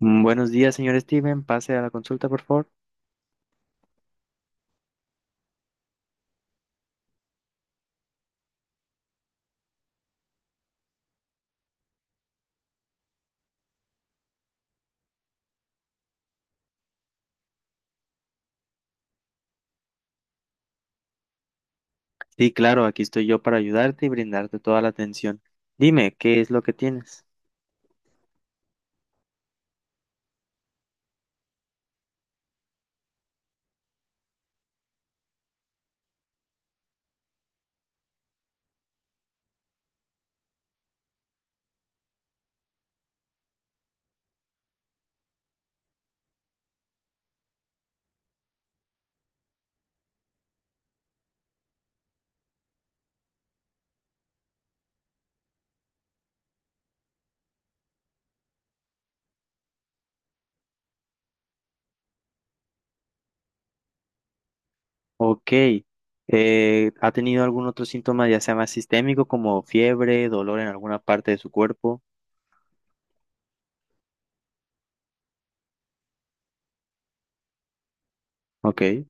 Buenos días, señor Steven. Pase a la consulta, por favor. Sí, claro, aquí estoy yo para ayudarte y brindarte toda la atención. Dime, ¿qué es lo que tienes? Ok. ¿Ha tenido algún otro síntoma, ya sea más sistémico, como fiebre, dolor en alguna parte de su cuerpo? Ok.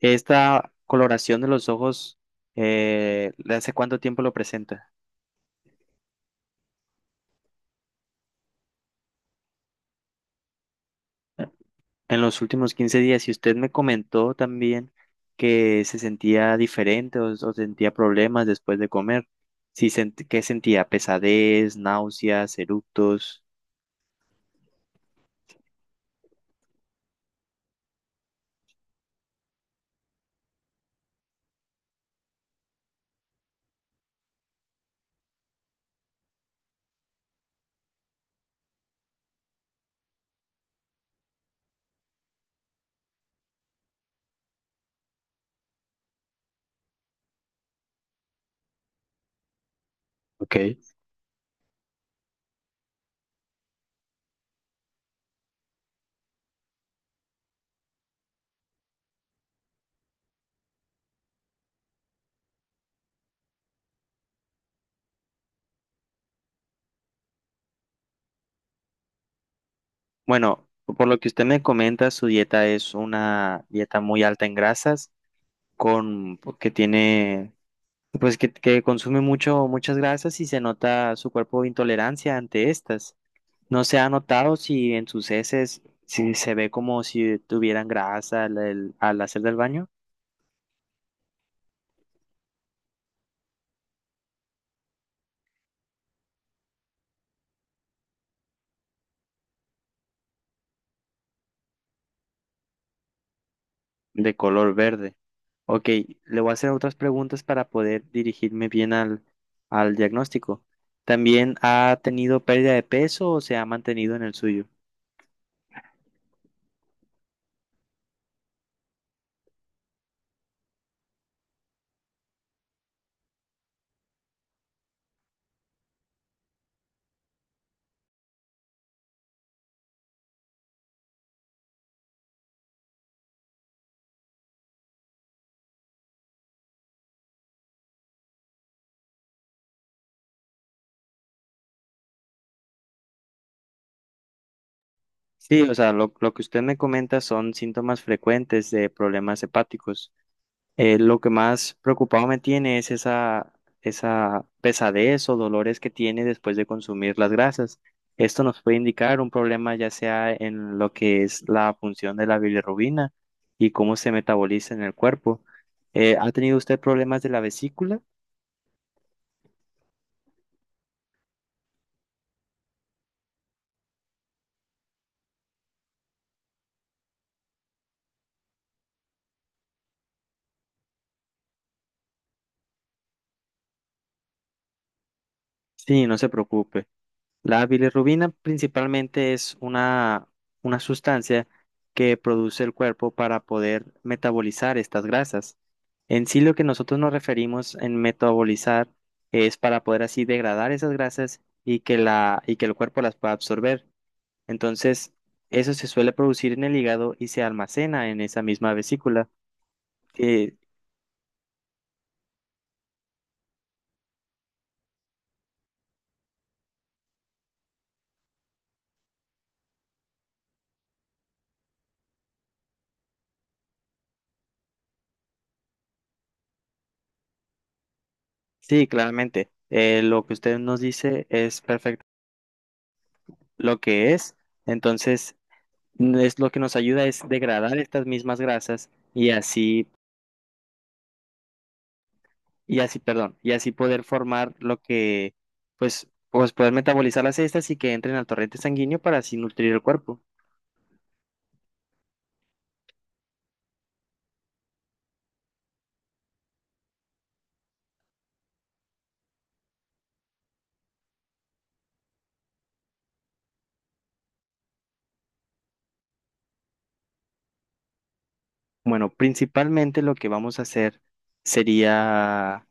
¿Esta coloración de los ojos, hace cuánto tiempo lo presenta? En los últimos 15 días. Y usted me comentó también que se sentía diferente o sentía problemas después de comer. Sí, ¿qué sentía? Pesadez, náuseas, eructos. Ok. Bueno, por lo que usted me comenta, su dieta es una dieta muy alta en grasas, con pues, que tiene, pues que consume muchas grasas y se nota su cuerpo intolerancia ante estas. No se ha notado si en sus heces si se ve como si tuvieran grasa al hacer del baño de color verde. Ok, le voy a hacer otras preguntas para poder dirigirme bien al diagnóstico. ¿También ha tenido pérdida de peso o se ha mantenido en el suyo? Sí, o sea, lo que usted me comenta son síntomas frecuentes de problemas hepáticos. Lo que más preocupado me tiene es esa pesadez o dolores que tiene después de consumir las grasas. Esto nos puede indicar un problema ya sea en lo que es la función de la bilirrubina y cómo se metaboliza en el cuerpo. ¿Ha tenido usted problemas de la vesícula? Sí, no se preocupe. La bilirrubina principalmente es una sustancia que produce el cuerpo para poder metabolizar estas grasas. En sí, lo que nosotros nos referimos en metabolizar es para poder así degradar esas grasas y y que el cuerpo las pueda absorber. Entonces, eso se suele producir en el hígado y se almacena en esa misma vesícula. Eh, sí, claramente. Lo que usted nos dice es perfecto lo que es. Entonces, es lo que nos ayuda es degradar estas mismas grasas y así poder formar lo que, pues poder metabolizar las estas y que entren al torrente sanguíneo para así nutrir el cuerpo. Bueno, principalmente lo que vamos a hacer sería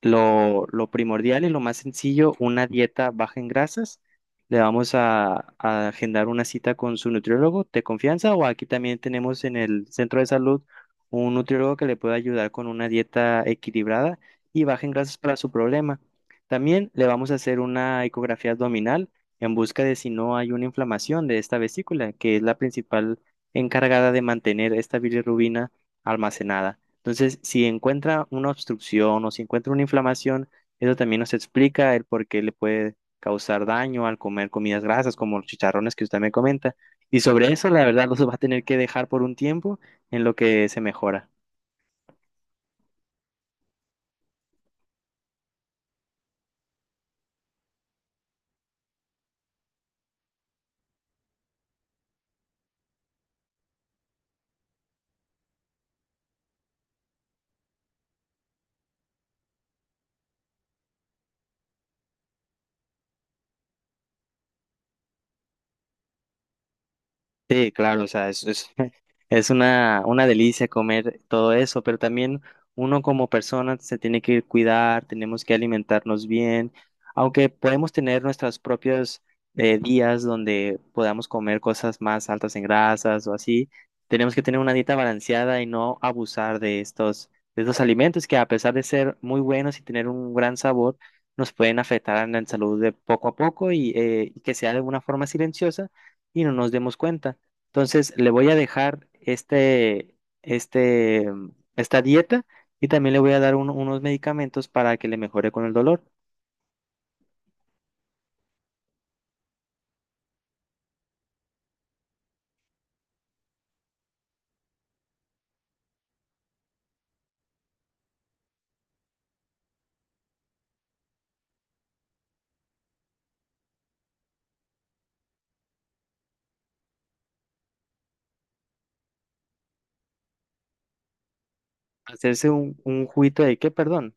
Lo primordial y lo más sencillo, una dieta baja en grasas. Le vamos a agendar una cita con su nutriólogo de confianza o aquí también tenemos en el centro de salud un nutriólogo que le puede ayudar con una dieta equilibrada y baja en grasas para su problema. También le vamos a hacer una ecografía abdominal en busca de si no hay una inflamación de esta vesícula, que es la principal encargada de mantener esta bilirrubina almacenada. Entonces, si encuentra una obstrucción o si encuentra una inflamación, eso también nos explica el por qué le puede causar daño al comer comidas grasas, como los chicharrones que usted me comenta. Y sobre eso, la verdad, los va a tener que dejar por un tiempo en lo que se mejora. Sí, claro, o sea, es Es una delicia comer todo eso, pero también uno como persona se tiene que cuidar, tenemos que alimentarnos bien, aunque podemos tener nuestros propios días donde podamos comer cosas más altas en grasas o así, tenemos que tener una dieta balanceada y no abusar de de estos alimentos que a pesar de ser muy buenos y tener un gran sabor, nos pueden afectar en la salud de poco a poco y que sea de una forma silenciosa y no nos demos cuenta. Entonces, le voy a dejar esta dieta y también le voy a dar unos medicamentos para que le mejore con el dolor. Hacerse un juguito de qué, perdón,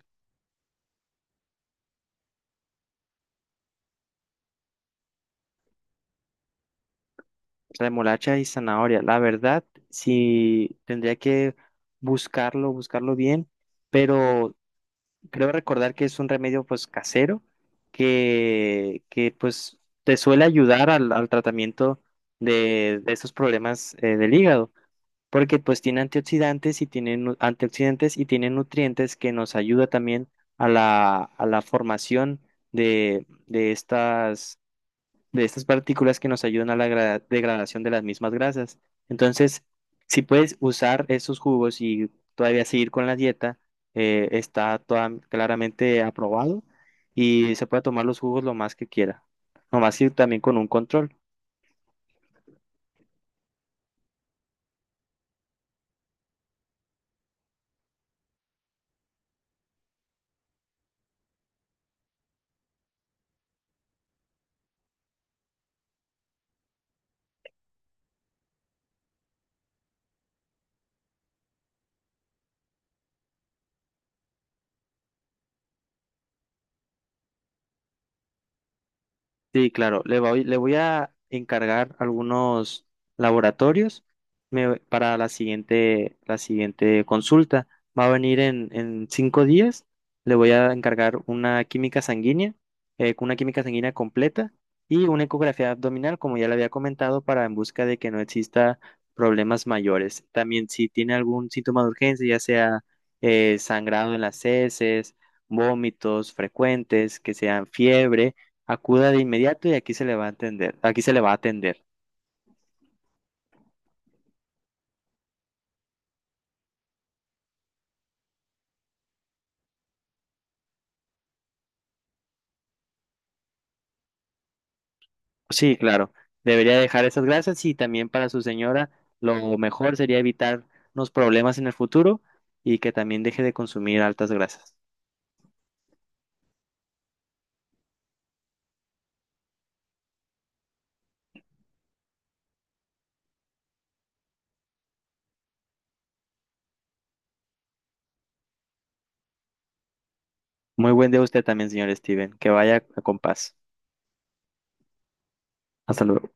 remolacha y zanahoria. La verdad, sí tendría que buscarlo bien, pero creo recordar que es un remedio pues casero que pues te suele ayudar al tratamiento de estos problemas del hígado. Porque pues tiene antioxidantes y tiene nutrientes que nos ayuda también a a la formación de, de estas, de estas partículas que nos ayudan a la degradación de las mismas grasas. Entonces, si puedes usar esos jugos y todavía seguir con la dieta, está claramente aprobado y se puede tomar los jugos lo más que quiera, lo más que también con un control. Sí, claro, le voy a encargar algunos laboratorios para la la siguiente consulta. Va a venir en 5 días. Le voy a encargar una química sanguínea, una química sanguínea completa y una ecografía abdominal, como ya le había comentado, para en busca de que no exista problemas mayores. También si tiene algún síntoma de urgencia, ya sea sangrado en las heces, vómitos frecuentes, que sean fiebre. Acuda de inmediato y aquí se le va a atender. Aquí se le va a atender. Sí, claro. Debería dejar esas gracias y también para su señora lo mejor sería evitar unos problemas en el futuro y que también deje de consumir altas grasas. Muy buen día a usted también, señor Steven. Que vaya con paz. Hasta luego.